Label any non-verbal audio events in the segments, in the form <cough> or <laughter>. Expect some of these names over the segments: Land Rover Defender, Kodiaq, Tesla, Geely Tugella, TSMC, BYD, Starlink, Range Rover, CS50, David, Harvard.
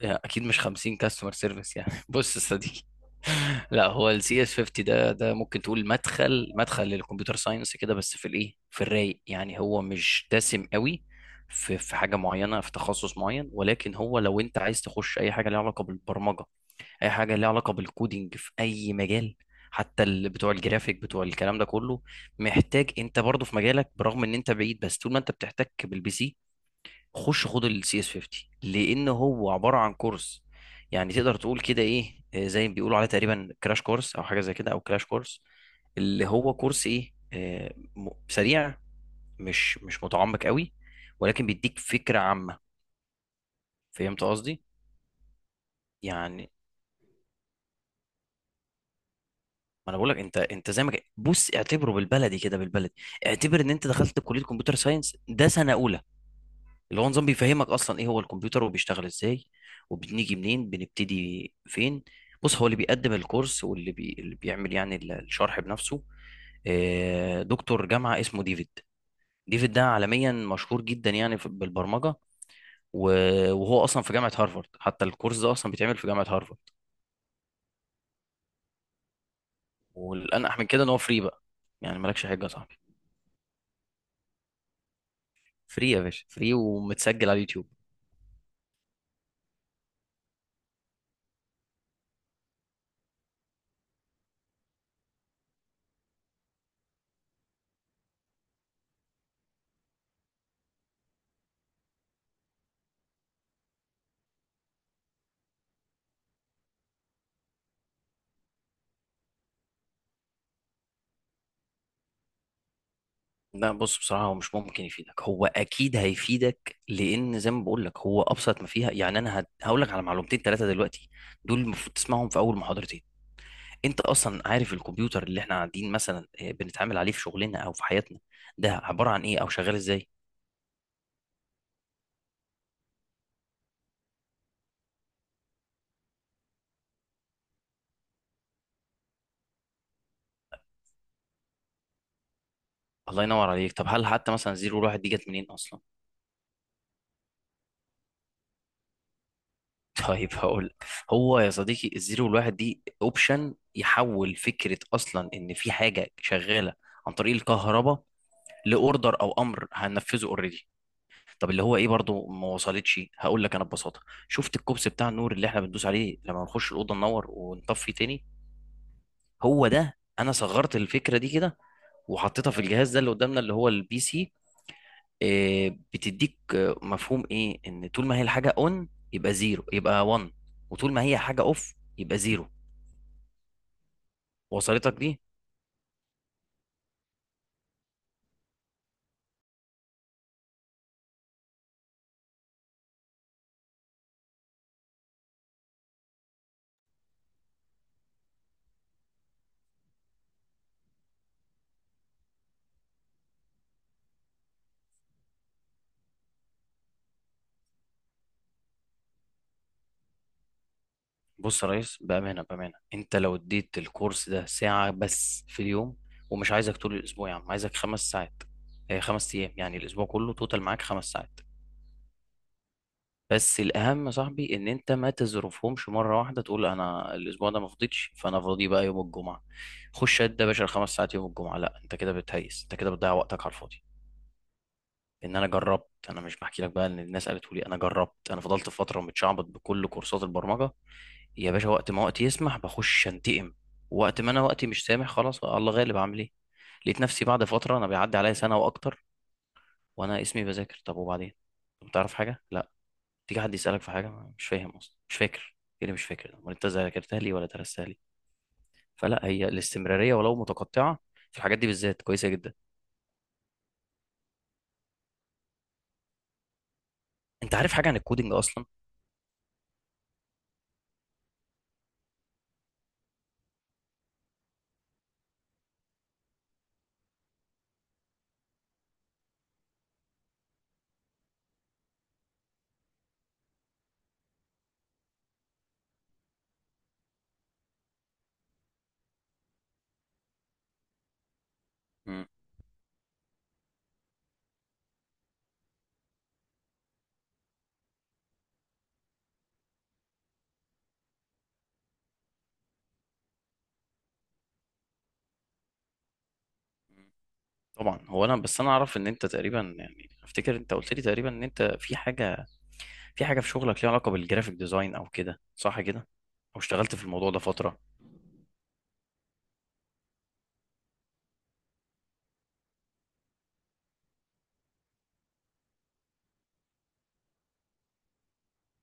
يعني اكيد مش 50 كاستمر سيرفيس، يعني <laughs> بص يا صديقي. لا، هو السي اس 50 ده ممكن تقول مدخل مدخل للكمبيوتر ساينس كده، بس في الايه، في الرايق يعني، هو مش دسم قوي في حاجه معينه في تخصص معين، ولكن هو لو انت عايز تخش اي حاجه ليها علاقه بالبرمجه، اي حاجه ليها علاقه بالكودينج في اي مجال، حتى اللي بتوع الجرافيك، بتوع الكلام ده كله، محتاج انت برضه في مجالك. برغم ان انت بعيد، بس طول ما انت بتحتك بالبي سي، خش خد السي اس 50، لان هو عباره عن كورس، يعني تقدر تقول كده ايه، زي ما بيقولوا عليه تقريبا كراش كورس، او حاجه زي كده، او كراش كورس، اللي هو كورس ايه، سريع، مش متعمق قوي، ولكن بيديك فكره عامه. فهمت قصدي؟ يعني ما انا بقول لك، انت زي ما بص اعتبره بالبلدي كده، بالبلدي اعتبر ان انت دخلت كليه كمبيوتر ساينس، ده سنه اولى، اللي هو نظام بيفهمك اصلا ايه هو الكمبيوتر، وبيشتغل ازاي، وبنيجي منين، بنبتدي فين. بص، هو اللي بيقدم الكورس واللي بي... اللي بيعمل يعني الشرح بنفسه، دكتور جامعة اسمه ديفيد. ديفيد ده عالميا مشهور جدا يعني بالبرمجة. و- وهو اصلا في جامعة هارفارد، حتى الكورس ده اصلا بيتعمل في جامعة هارفارد. والانجح من كده ان هو فري بقى، يعني مالكش حاجة يا صاحبي، فري يا باشا، فري ومتسجل على اليوتيوب. لا، بص بصراحة، هو مش ممكن يفيدك، هو أكيد هيفيدك، لأن زي ما بقول لك هو أبسط ما فيها، يعني أنا هقول لك على معلومتين ثلاثة دلوقتي دول المفروض تسمعهم في أول محاضرتين. أنت أصلا عارف الكمبيوتر اللي إحنا قاعدين مثلا بنتعامل عليه في شغلنا أو في حياتنا، ده عبارة عن إيه أو شغال إزاي؟ الله ينور عليك. طب هل حتى مثلا الزيرو والواحد دي جت منين أصلا؟ <laughs> طيب هقول لك. هو يا صديقي، الزيرو والواحد دي أوبشن يحول فكرة أصلا إن في حاجة شغالة عن طريق الكهرباء، لأوردر أو أمر هننفذه أوريدي. طب اللي هو ايه؟ برضو ما وصلتش، هقول لك انا ببساطه. شفت الكوبس بتاع النور اللي احنا بندوس عليه لما نخش الاوضه ننور ونطفي تاني؟ هو ده. انا صغرت الفكره دي كده وحطيتها في الجهاز ده اللي قدامنا، اللي هو البي سي. إيه بتديك؟ مفهوم ايه ان طول ما هي الحاجه اون يبقى زيرو، يبقى 1، وطول ما هي حاجه اوف يبقى زيرو. وصلتك دي؟ بص يا ريس، بأمانة بأمانة، أنت لو اديت الكورس ده ساعة بس في اليوم، ومش عايزك طول الأسبوع يا عم، عايزك 5 ساعات، هي 5 أيام يعني، الأسبوع كله توتال معاك 5 ساعات. بس الأهم يا صاحبي إن أنت ما تظرفهمش مرة واحدة، تقول أنا الأسبوع ده ما فضيتش، فأنا فاضي بقى يوم الجمعة، خش قد يا باشا ال5 ساعات يوم الجمعة. لا، أنت كده بتهيس، أنت كده بتضيع وقتك على الفاضي. ان انا جربت، انا مش بحكي لك بقى ان الناس قالت لي، انا جربت. انا فضلت فتره متشعبط بكل كورسات البرمجه يا باشا، وقت ما وقتي يسمح بخش انتقم، وقت ما انا وقتي مش سامح خلاص الله غالب اعمل ايه. لقيت نفسي بعد فتره انا بيعدي عليا سنه واكتر وانا اسمي بذاكر. طب وبعدين؟ طب تعرف حاجه؟ لا. تيجي حد يسالك في حاجه، مش فاهم اصلا، مش فاكر. ايه اللي مش فاكر ده؟ امال انت ذاكرتها لي ولا درستها لي؟ فلا، هي الاستمراريه ولو متقطعه في الحاجات دي بالذات كويسه جدا. انت عارف حاجه عن الكودينج اصلا؟ مم. طبعا، هو انا، بس انا اعرف ان انت تقريبا، يعني افتكر انت قلت لي تقريبا ان انت في حاجه في شغلك ليها علاقه بالجرافيك ديزاين او كده، صح كده؟ او اشتغلت في الموضوع ده فتره.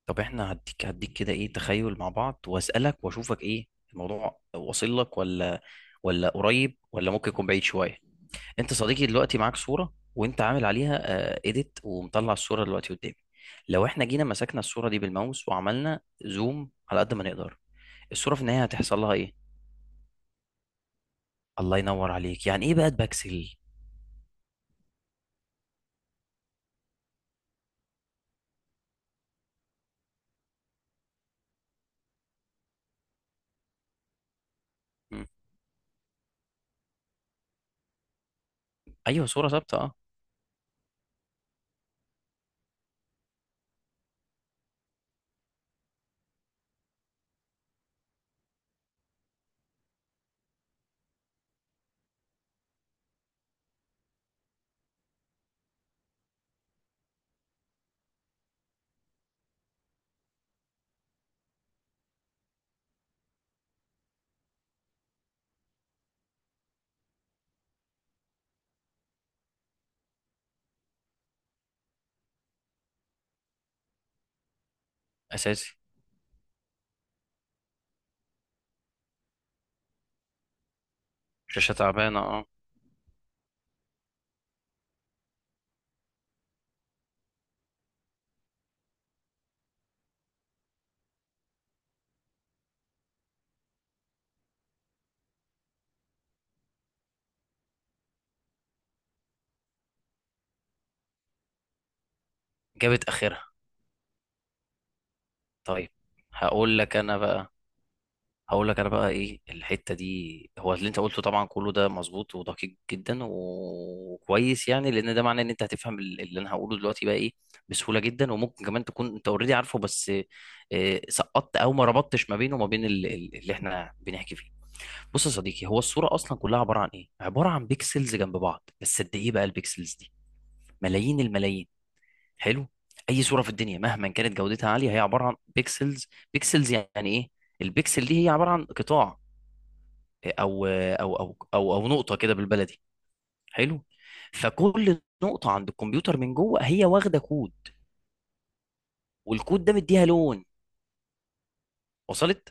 طب احنا هديك هديك كده ايه، تخيل مع بعض، واسالك واشوفك ايه الموضوع واصل لك، ولا قريب، ولا ممكن يكون بعيد شويه. انت صديقي دلوقتي معاك صوره وانت عامل عليها اديت، ومطلع الصوره دلوقتي قدامي. لو احنا جينا مسكنا الصوره دي بالماوس وعملنا زوم على قد ما نقدر، الصوره في النهايه هتحصل لها ايه؟ الله ينور عليك. يعني ايه بقى باكسل؟ ايوه، صورة ثابتة، اه. اساسي. شاشة تعبانة، اه. جابت اخرها. طيب. هقول لك انا بقى هقول لك انا بقى ايه الحتة دي. هو اللي انت قلته طبعا كله ده مظبوط ودقيق جدا وكويس، يعني لان ده معناه ان انت هتفهم اللي انا هقوله دلوقتي بقى ايه بسهولة جدا، وممكن كمان تكون انت اوريدي عارفه، بس سقطت، او ما ربطتش ما بينه وما بين اللي احنا بنحكي فيه. بص يا صديقي، هو الصورة أصلا كلها عبارة عن إيه؟ عبارة عن بيكسلز جنب بعض. بس قد إيه بقى البيكسلز دي؟ ملايين الملايين. حلو؟ أي صورة في الدنيا مهما كانت جودتها عالية هي عبارة عن بيكسلز. بيكسلز يعني إيه؟ البيكسل دي هي عبارة عن قطاع، أو نقطة كده بالبلدي. حلو؟ فكل نقطة عند الكمبيوتر من جوه هي واخدة كود. والكود ده مديها لون. وصلت؟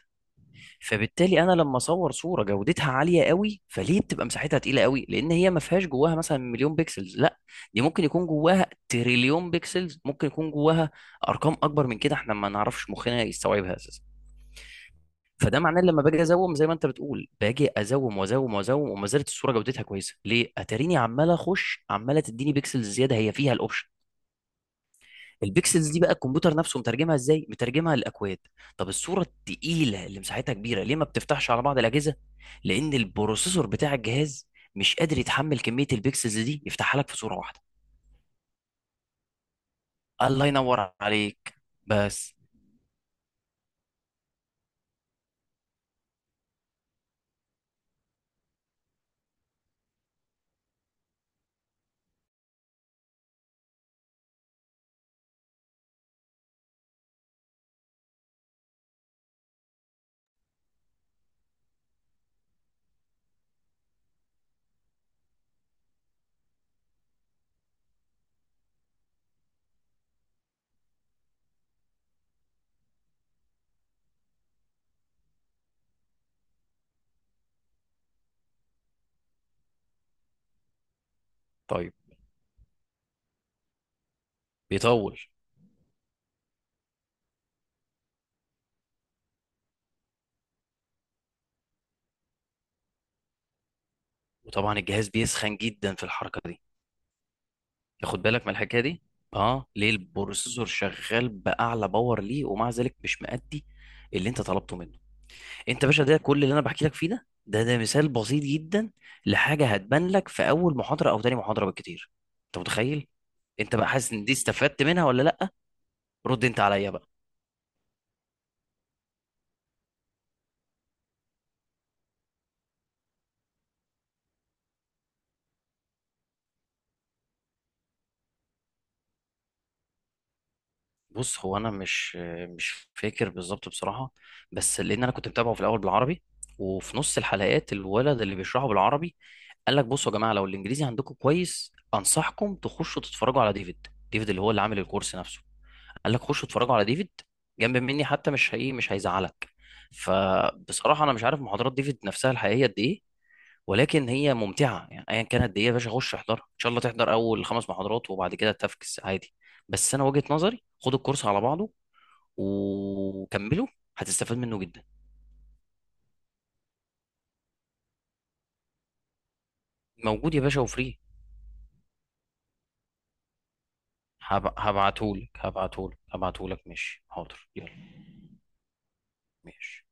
فبالتالي انا لما اصور صوره جودتها عاليه قوي، فليه بتبقى مساحتها تقيله قوي؟ لان هي ما فيهاش جواها مثلا مليون بيكسلز، لا، دي ممكن يكون جواها تريليون بيكسلز، ممكن يكون جواها ارقام اكبر من كده احنا ما نعرفش مخنا يستوعبها اساسا. فده معناه لما باجي ازوم زي ما انت بتقول، باجي ازوم وازوم وازوم وما زالت الصوره جودتها كويسه، ليه؟ اتاريني عمال اخش عماله تديني بيكسلز زياده، هي فيها الاوبشن. البيكسلز دي بقى الكمبيوتر نفسه مترجمها ازاي؟ مترجمها لاكواد. طب الصوره التقيله اللي مساحتها كبيره، ليه ما بتفتحش على بعض الاجهزه؟ لان البروسيسور بتاع الجهاز مش قادر يتحمل كميه البيكسلز دي يفتحها لك في صوره واحده. الله ينور عليك. بس طيب. بيطول. وطبعا الجهاز بيسخن جدا في الحركه دي. ياخد بالك من الحكايه دي، اه. ليه البروسيسور شغال باعلى باور، ليه ومع ذلك مش مأدي اللي انت طلبته منه؟ انت يا باشا، ده كل اللي انا بحكي لك فيه ده مثال بسيط جدا لحاجه هتبان لك في اول محاضره او تاني محاضره بالكتير. انت متخيل؟ انت بقى حاسس ان دي استفدت منها ولا لا؟ رد انت عليا بقى. بص، هو انا مش فاكر بالظبط بصراحه، بس لان انا كنت متابعه في الاول بالعربي، وفي نص الحلقات الولد اللي بيشرحه بالعربي قال لك بصوا يا جماعه، لو الانجليزي عندكم كويس انصحكم تخشوا تتفرجوا على ديفيد، ديفيد اللي هو اللي عامل الكورس نفسه. قال لك خشوا اتفرجوا على ديفيد، جنب مني حتى، مش هي مش هيزعلك. فبصراحه انا مش عارف محاضرات ديفيد نفسها الحقيقيه قد ايه، ولكن هي ممتعه، يعني ايا كانت قد ايه يا باشا، خش احضرها، ان شاء الله تحضر اول 5 محاضرات وبعد كده تفكس عادي. بس انا وجهه نظري، خد الكورس على بعضه وكمله، هتستفاد منه جدا. موجود يا باشا وفري. هبعتهولك، ماشي، حاضر، يلا. ماشي